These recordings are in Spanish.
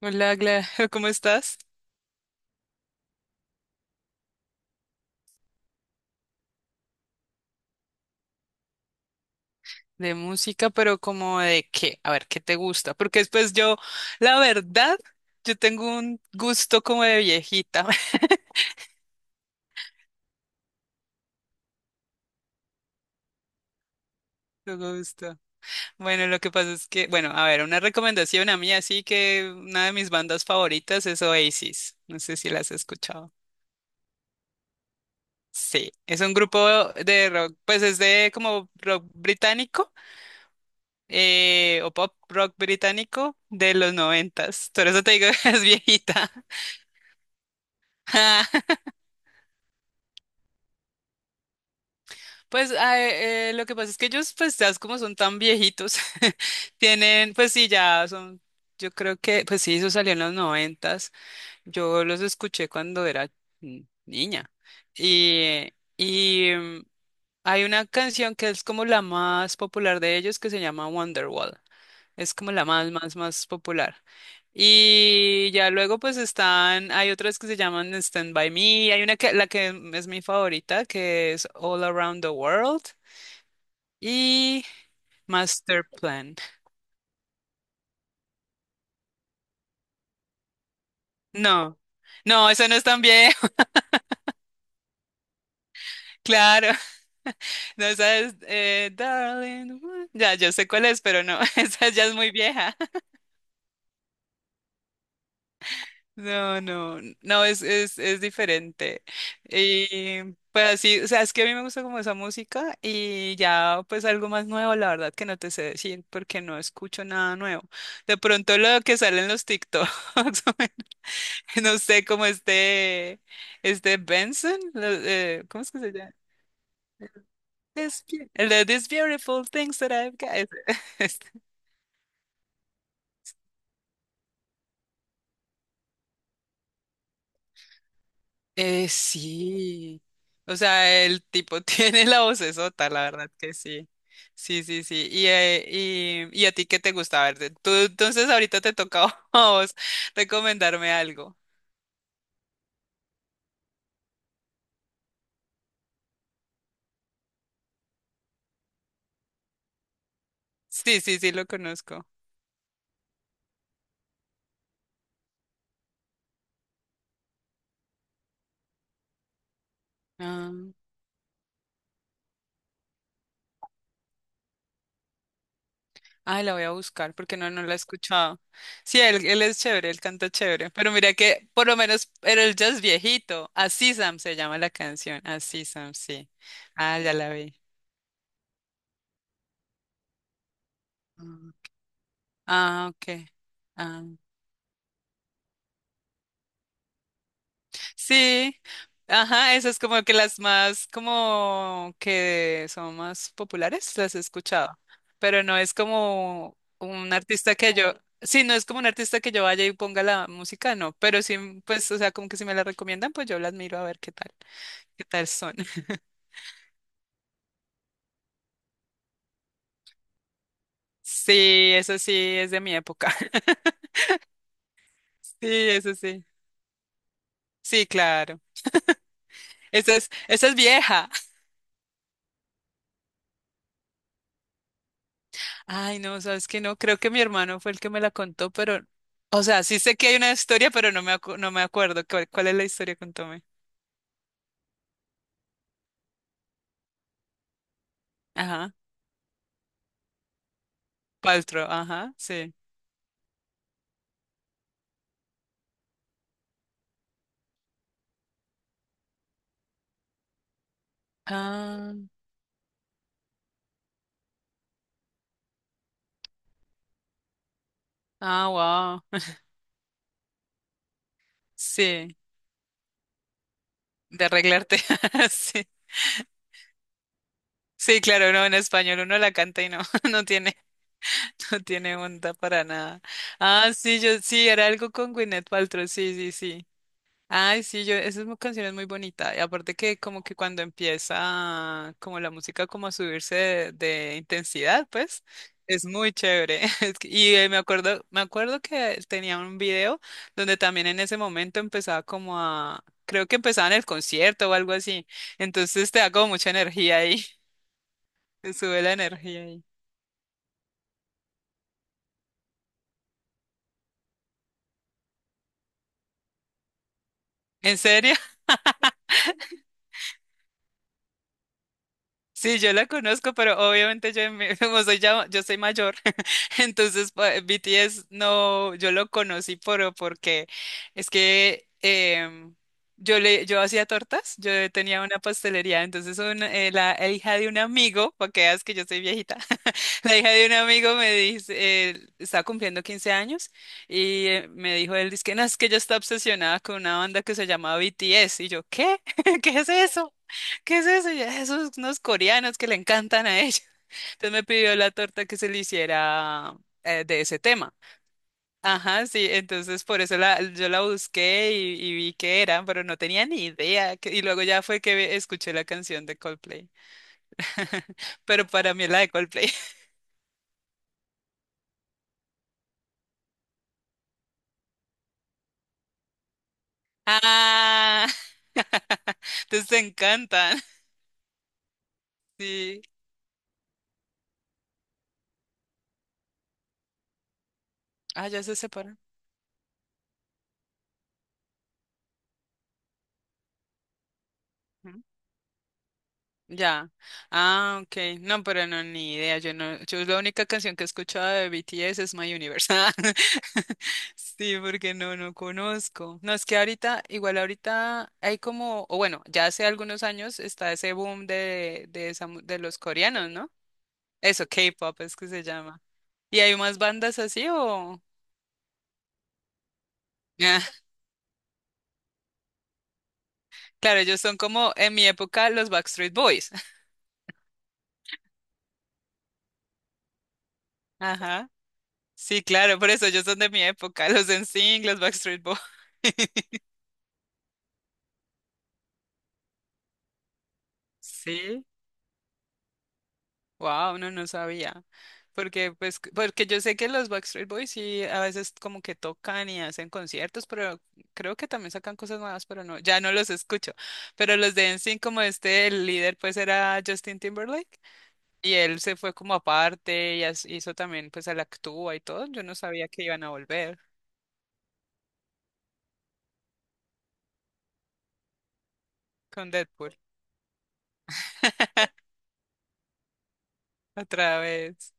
Hola, ¿cómo estás? De música, pero como de qué, a ver, ¿qué te gusta? Porque después yo, la verdad, yo tengo un gusto como de viejita, me gusta. Bueno, lo que pasa es que, bueno, a ver, una recomendación a mí, así que una de mis bandas favoritas es Oasis, no sé si las has escuchado. Sí, es un grupo de rock, pues es de como rock británico, o pop rock británico de los noventas, por eso te digo que es viejita. Pues lo que pasa es que ellos, pues ya como son tan viejitos, tienen, pues sí, ya son, yo creo que, pues sí, eso salió en los noventas, yo los escuché cuando era niña. Y, y hay una canción que es como la más popular de ellos que se llama Wonderwall. Es como la más, más, más popular. Y ya luego pues están, hay otras que se llaman Stand By Me, hay una que, la que es mi favorita, que es All Around the World y Master Plan. No, no, eso no es tan vieja, claro. No, esa es, darling. Ya, yo sé cuál es, pero no, esa ya es muy vieja. No, no, no, es diferente. Y pues así, o sea, es que a mí me gusta como esa música y ya pues algo más nuevo, la verdad que no te sé decir porque no escucho nada nuevo. De pronto lo que sale en los TikToks, no sé, como este Benson, ¿cómo es que se llama? El de These Beautiful Things That I've Got. Sí. O sea, el tipo tiene la vocesota, la verdad que sí. Sí, sí, sí. Y a ti qué te gusta? A ver, tú, entonces ahorita te toca a vos recomendarme algo. Sí, sí, sí, lo conozco. Ah, ay, la voy a buscar porque no, no la he escuchado. Sí, él es chévere, él canta chévere. Pero mira que por lo menos era el jazz viejito. Así Sam se llama la canción. Así Sam, sí. Ah, ya la vi. Ah, ah, ok. Ah. Sí, ajá, esas como que las más, como que son más populares, las he escuchado, pero no es como un artista que yo, sí, no es como un artista que yo vaya y ponga la música, no, pero sí, pues, o sea, como que si me la recomiendan, pues yo la admiro a ver qué tal son. Sí, eso sí, es de mi época. Sí, eso sí. Sí, claro. Esa es vieja. Ay, no, sabes que no, creo que mi hermano fue el que me la contó, pero, o sea, sí sé que hay una historia, pero no me acuerdo. ¿Cuál es la historia? Contame. Ajá. Paltrow, ajá, sí. Ah, ah, wow. Sí, de arreglarte. Sí. Sí, claro, no, en español uno la canta y no, no tiene, no tiene onda para nada. Ah, sí, yo sí, era algo con Gwyneth Paltrow, sí, sí, sí. Ay, sí, yo, esa canción es muy bonita. Y aparte que como que cuando empieza como la música como a subirse de intensidad, pues, es muy chévere. Y me acuerdo que tenía un video donde también en ese momento empezaba como a, creo que empezaba en el concierto o algo así. Entonces te da como mucha energía ahí, te sube la energía ahí. ¿En serio? Sí, yo la conozco, pero obviamente yo, como soy ya, yo soy mayor, entonces BTS no, yo lo conocí porque es que yo hacía tortas, yo tenía una pastelería, entonces la hija de un amigo, para que veas que yo soy viejita, la hija de un amigo me dice, estaba cumpliendo 15 años y me dijo él, dice que no, es que ella está obsesionada con una banda que se llama BTS y yo, ¿qué? ¿Qué es eso? ¿Qué es eso? Y yo, esos unos coreanos que le encantan a ella. Entonces me pidió la torta que se le hiciera de ese tema. Ajá, sí, entonces por eso yo la busqué y vi que era, pero no tenía ni idea. Y luego ya fue que escuché la canción de Coldplay. Pero para mí es la de Coldplay. Ah, entonces te encantan. Sí. Ah, ya se separan. Ya. Ah, ok. No, pero no, ni idea. Yo no, yo la única canción que he escuchado de BTS es My Universe. Sí, porque no, no conozco. No, es que ahorita, igual ahorita hay como, o bueno, ya hace algunos años está ese boom de los coreanos, ¿no? Eso, K-pop es que se llama. ¿Y hay más bandas así o? Ah, claro, ellos son como en mi época los Backstreet Boys. Ajá. Sí, claro, por eso ellos son de mi época, los NSYNC, los Backstreet Boys. Sí, wow, no, no sabía. Porque, pues, porque yo sé que los Backstreet Boys sí a veces como que tocan y hacen conciertos, pero creo que también sacan cosas nuevas, pero no, ya no los escucho. Pero los de NSYNC, como este, el líder, pues era Justin Timberlake, y él se fue como aparte y hizo también, pues, a la actúa y todo. Yo no sabía que iban a volver con Deadpool otra vez.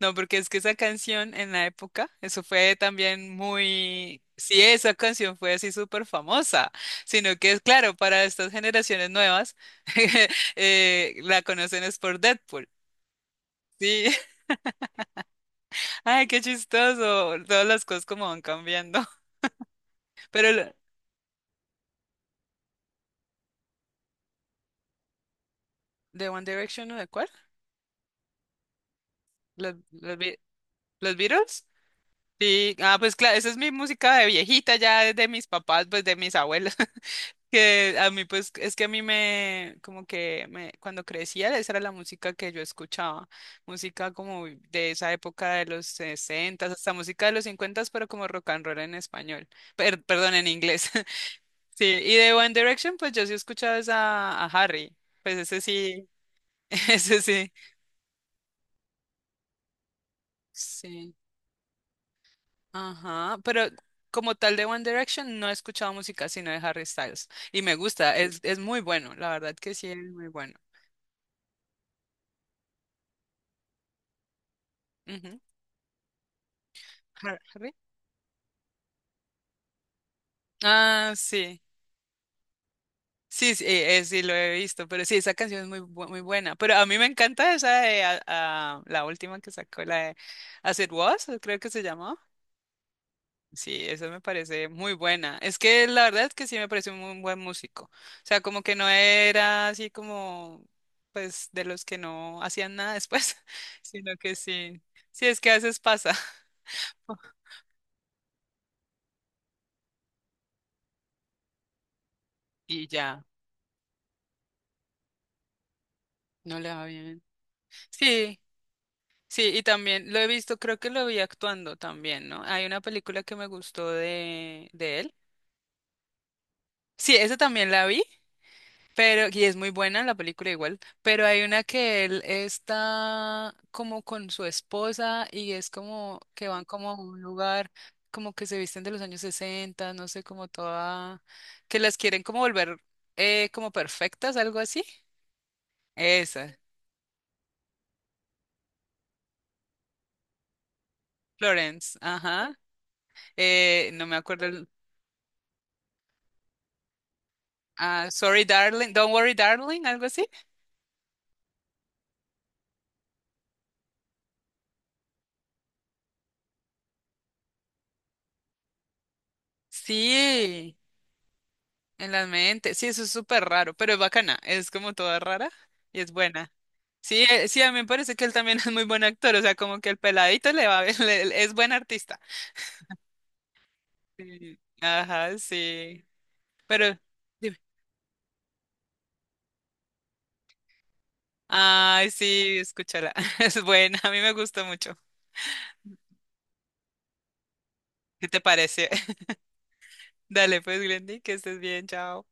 No, porque es que esa canción en la época, eso fue también muy. Sí, esa canción fue así súper famosa, sino que es claro, para estas generaciones nuevas, la conocen es por Deadpool. Sí, ay, qué chistoso, todas las cosas como van cambiando. ¿Pero de One Direction o de cuál? ¿Los los Beatles? Sí, ah, pues claro, esa es mi música de viejita ya de mis papás, pues de mis abuelos. Que a mí, pues, es que a mí me, como que me, cuando crecía, esa era la música que yo escuchaba, música como de esa época de los 60 hasta música de los 50 pero como rock and roll en español, perdón, en inglés. Sí, y de One Direction, pues yo sí escuchaba esa, a Harry, pues ese sí, ese sí. Sí, ajá, pero como tal de One Direction no he escuchado música sino de Harry Styles y me gusta, es muy bueno, la verdad que sí es muy bueno. Ujú. Harry. Ah, sí. Sí, sí, sí, lo he visto, pero sí, esa canción es muy buena. Pero a mí me encanta esa de la última que sacó, la de As It Was, creo que se llamó. Sí, esa me parece muy buena. Es que la verdad es que sí me parece un muy buen músico. O sea, como que no era así como, pues, de los que no hacían nada después, sino que sí. Sí, es que a veces pasa. Y ya, no le va bien. Sí. Sí, y también lo he visto, creo que lo vi actuando también, ¿no? Hay una película que me gustó de él. Sí, esa también la vi, pero, y es muy buena la película igual, pero hay una que él está como con su esposa y es como que van como a un lugar, como que se visten de los años 60 no sé, como toda, que las quieren como volver como perfectas, algo así. Esa. Florence, ajá. No me acuerdo. Ah, sorry, darling. Don't worry, darling. Algo así. Sí, en la mente. Sí, eso es súper raro, pero es bacana. Es como toda rara y es buena. Sí, sí, a mí me parece que él también es muy buen actor. O sea, como que el peladito le va, bien, es buen artista. Sí, ajá, sí. Pero, dime. Ay, sí, escúchala. Es buena. A mí me gustó mucho. ¿Qué te parece? Dale, pues, Glendy, que estés bien. Chao.